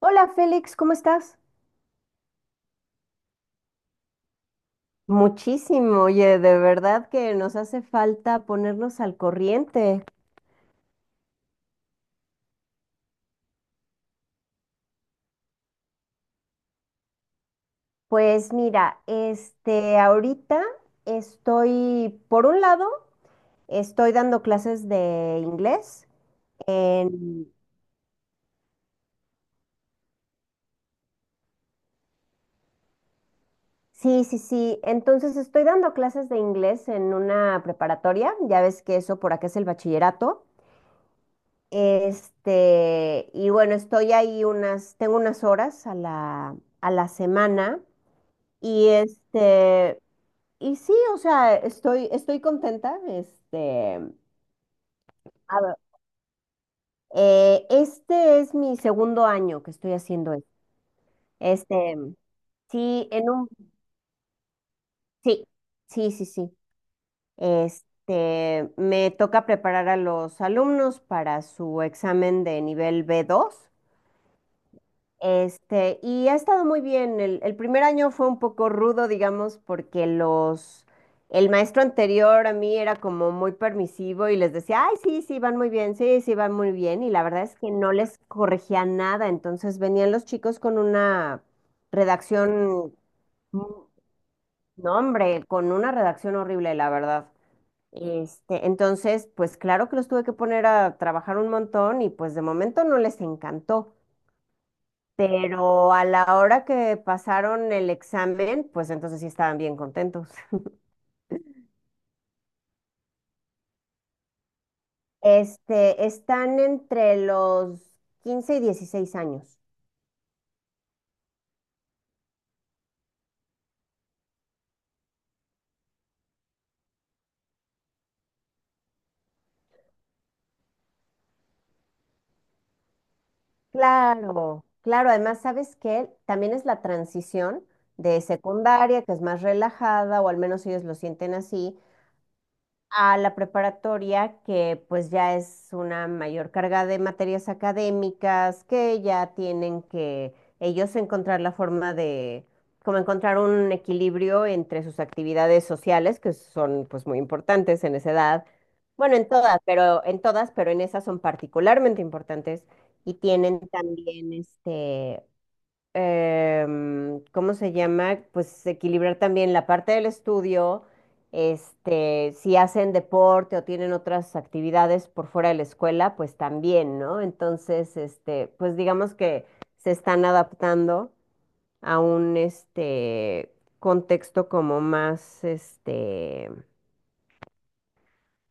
Hola Félix, ¿cómo estás? Muchísimo, oye, de verdad que nos hace falta ponernos al corriente. Pues mira, ahorita estoy, por un lado, estoy dando clases de inglés en... Sí, sí, sí, entonces estoy dando clases de inglés en una preparatoria, ya ves que eso por acá es el bachillerato. Y bueno, estoy ahí unas, tengo unas horas a la semana. Y y sí, o sea, estoy contenta. A ver, este es mi segundo año que estoy haciendo esto. Este, sí, en un, sí, sí, sí, sí. Me toca preparar a los alumnos para su examen de nivel B2. Y ha estado muy bien. El primer año fue un poco rudo, digamos, porque los, el maestro anterior a mí era como muy permisivo y les decía, ay, sí, sí, van muy bien, sí, sí, van muy bien. Y la verdad es que no les corregía nada. Entonces venían los chicos con una redacción, no, hombre, con una redacción horrible, la verdad. Entonces, pues claro que los tuve que poner a trabajar un montón y pues de momento no les encantó, pero a la hora que pasaron el examen, pues entonces sí estaban bien contentos. Están entre los 15 y 16 años. Claro, claro, además, ¿sabes qué? También es la transición de secundaria, que es más relajada, o al menos ellos lo sienten así, a la preparatoria, que pues ya es una mayor carga de materias académicas, que ya tienen que ellos encontrar la forma de, como encontrar un equilibrio entre sus actividades sociales, que son pues muy importantes en esa edad. Bueno, en todas, pero en todas, pero en esas son particularmente importantes y tienen también ¿cómo se llama? Pues equilibrar también la parte del estudio, si hacen deporte o tienen otras actividades por fuera de la escuela, pues también, ¿no? Entonces, pues digamos que se están adaptando a un contexto como más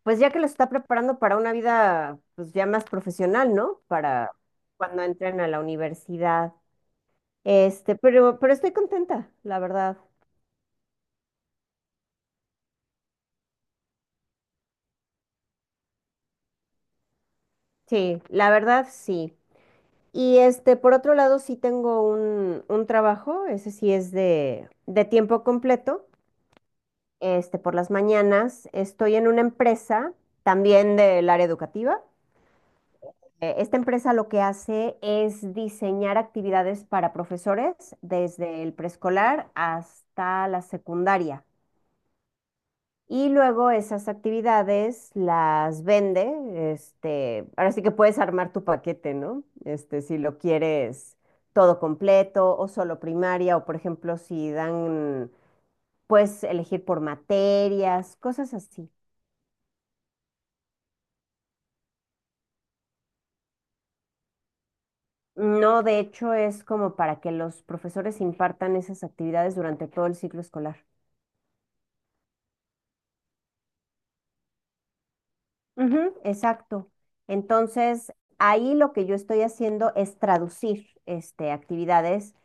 pues ya que los está preparando para una vida pues ya más profesional, ¿no? Para cuando entren a la universidad. Pero estoy contenta, la verdad. Sí, la verdad sí. Y por otro lado, sí tengo un trabajo, ese sí es de tiempo completo. Por las mañanas estoy en una empresa también del área educativa. Esta empresa lo que hace es diseñar actividades para profesores desde el preescolar hasta la secundaria. Y luego esas actividades las vende, ahora sí que puedes armar tu paquete, ¿no? Si lo quieres todo completo o solo primaria, o por ejemplo, si dan, puedes elegir por materias, cosas así. No, de hecho, es como para que los profesores impartan esas actividades durante todo el ciclo escolar. Ujú, exacto. Entonces, ahí lo que yo estoy haciendo es traducir actividades,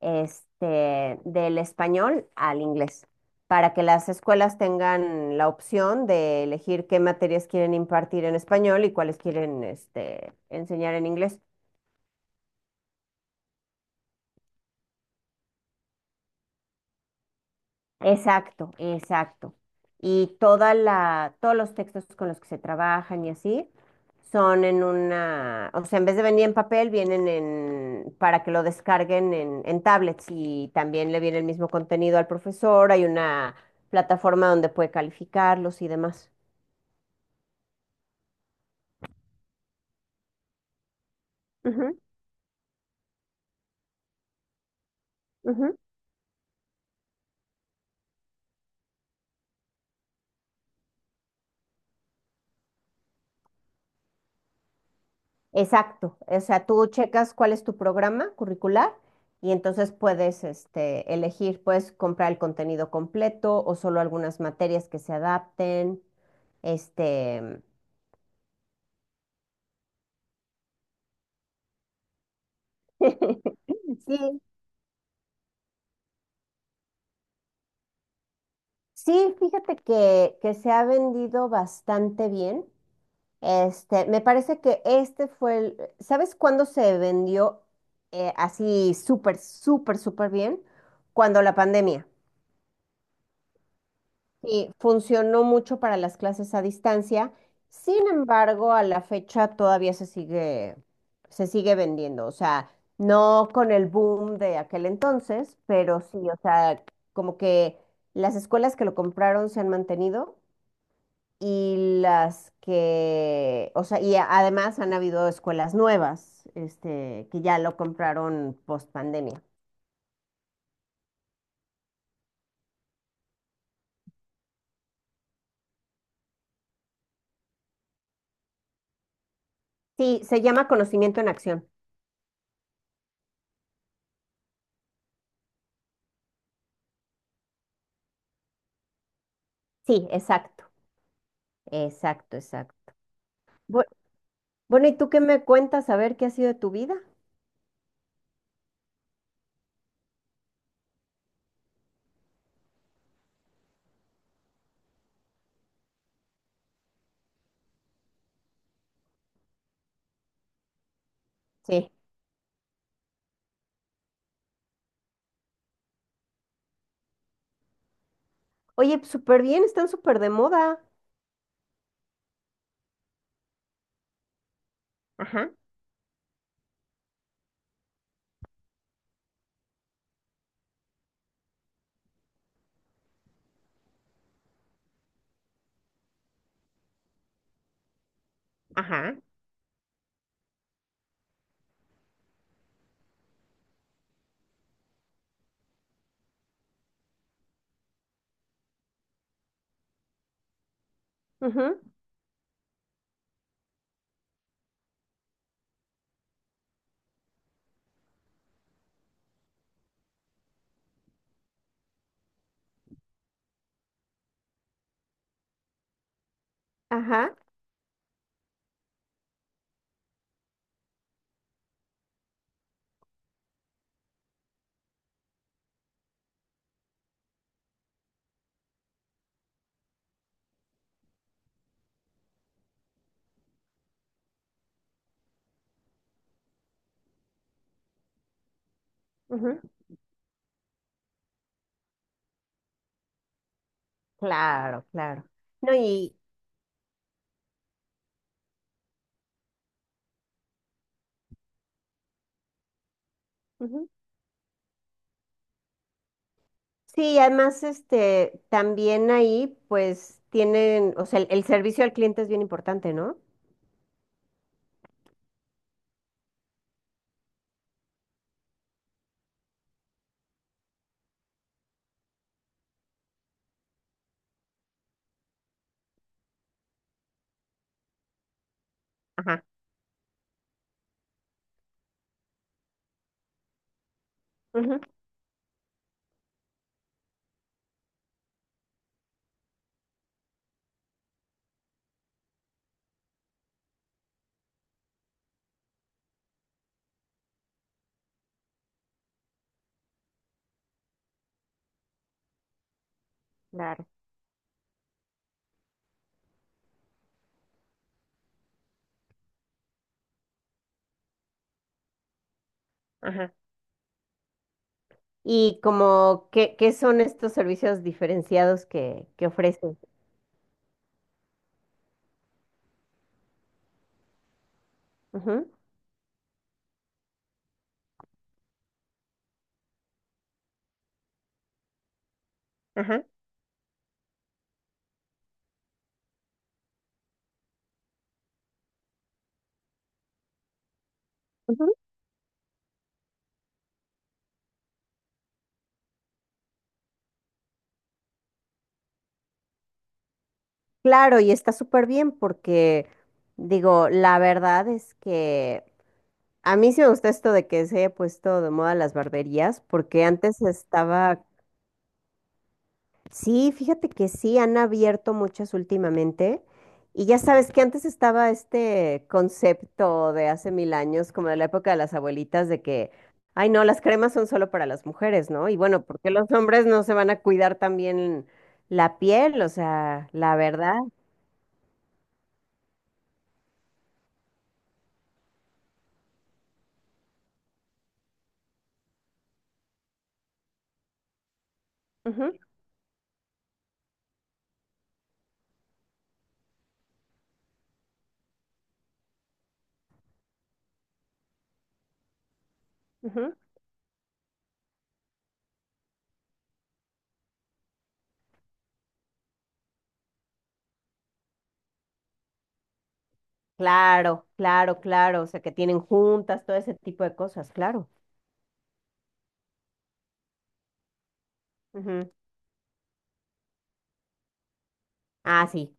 del español al inglés, para que las escuelas tengan la opción de elegir qué materias quieren impartir en español y cuáles quieren, enseñar en inglés. Exacto, exacto. Y toda la, todos los textos con los que se trabajan y así son en una, o sea, en vez de venir en papel, vienen en, para que lo descarguen en, tablets, y también le viene el mismo contenido al profesor, hay una plataforma donde puede calificarlos y demás. Ujú, ujú. Exacto, o sea, tú checas cuál es tu programa curricular y entonces puedes, elegir, puedes comprar el contenido completo o solo algunas materias que se adapten. Este, sí, sí, fíjate que se ha vendido bastante bien. Me parece que este fue el, ¿sabes cuándo se vendió, así súper, súper, súper bien? Cuando la pandemia. Sí, funcionó mucho para las clases a distancia. Sin embargo, a la fecha todavía se sigue vendiendo. O sea, no con el boom de aquel entonces, pero sí, o sea, como que las escuelas que lo compraron se han mantenido, y las que, o sea, y además han habido escuelas nuevas, que ya lo compraron post pandemia. Sí, se llama Conocimiento en Acción. Sí, exacto, exacto, exacto. Bu- bueno, ¿y tú qué me cuentas? A ver qué ha sido de tu vida. Sí. Oye, súper bien, están súper de moda. Ajá, ajá. Ujú, ajá, ujú, claro, claro. No, y ujú. Sí, además, también ahí, pues, tienen, o sea, el servicio al cliente es bien importante, ¿no? Ajá, ujú, claro, ajá. Y como, ¿qué son estos servicios diferenciados que ofrecen? Ujú, ajá. Claro, y está súper bien porque, digo, la verdad es que a mí sí me gusta esto de que se haya puesto de moda las barberías, porque antes estaba, sí, fíjate que sí, han abierto muchas últimamente, y ya sabes que antes estaba este concepto de hace mil años, como de la época de las abuelitas, de que, ay, no, las cremas son solo para las mujeres, ¿no? ¿Y bueno, porque los hombres no se van a cuidar también la piel? O sea, la verdad. Ujú, ujú. Claro, claro, claro. O sea, que tienen juntas, todo ese tipo de cosas, claro. Ujú. Ah, sí.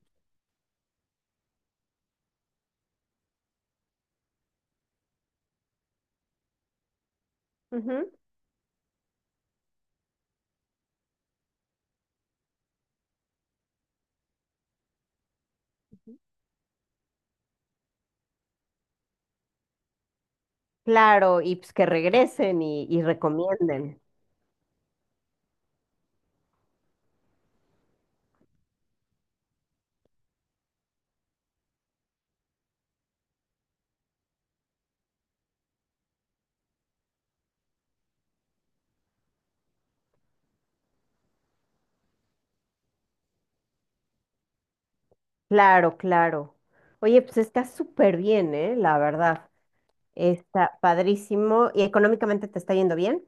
Ujú. Claro, y pues que regresen y recomienden. Claro, claro. Oye, pues está súper bien, ¿eh? La verdad. Está padrísimo. ¿Y económicamente te está yendo bien?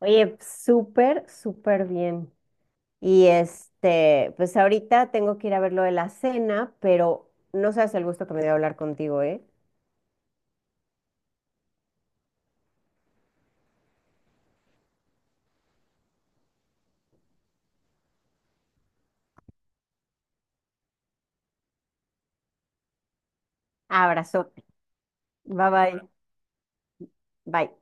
Oye, pues, súper, súper bien. Y pues ahorita tengo que ir a ver lo de la cena, pero no sabes el gusto que me dio hablar contigo, ¿eh? Abrazote. Bye bye. Bye.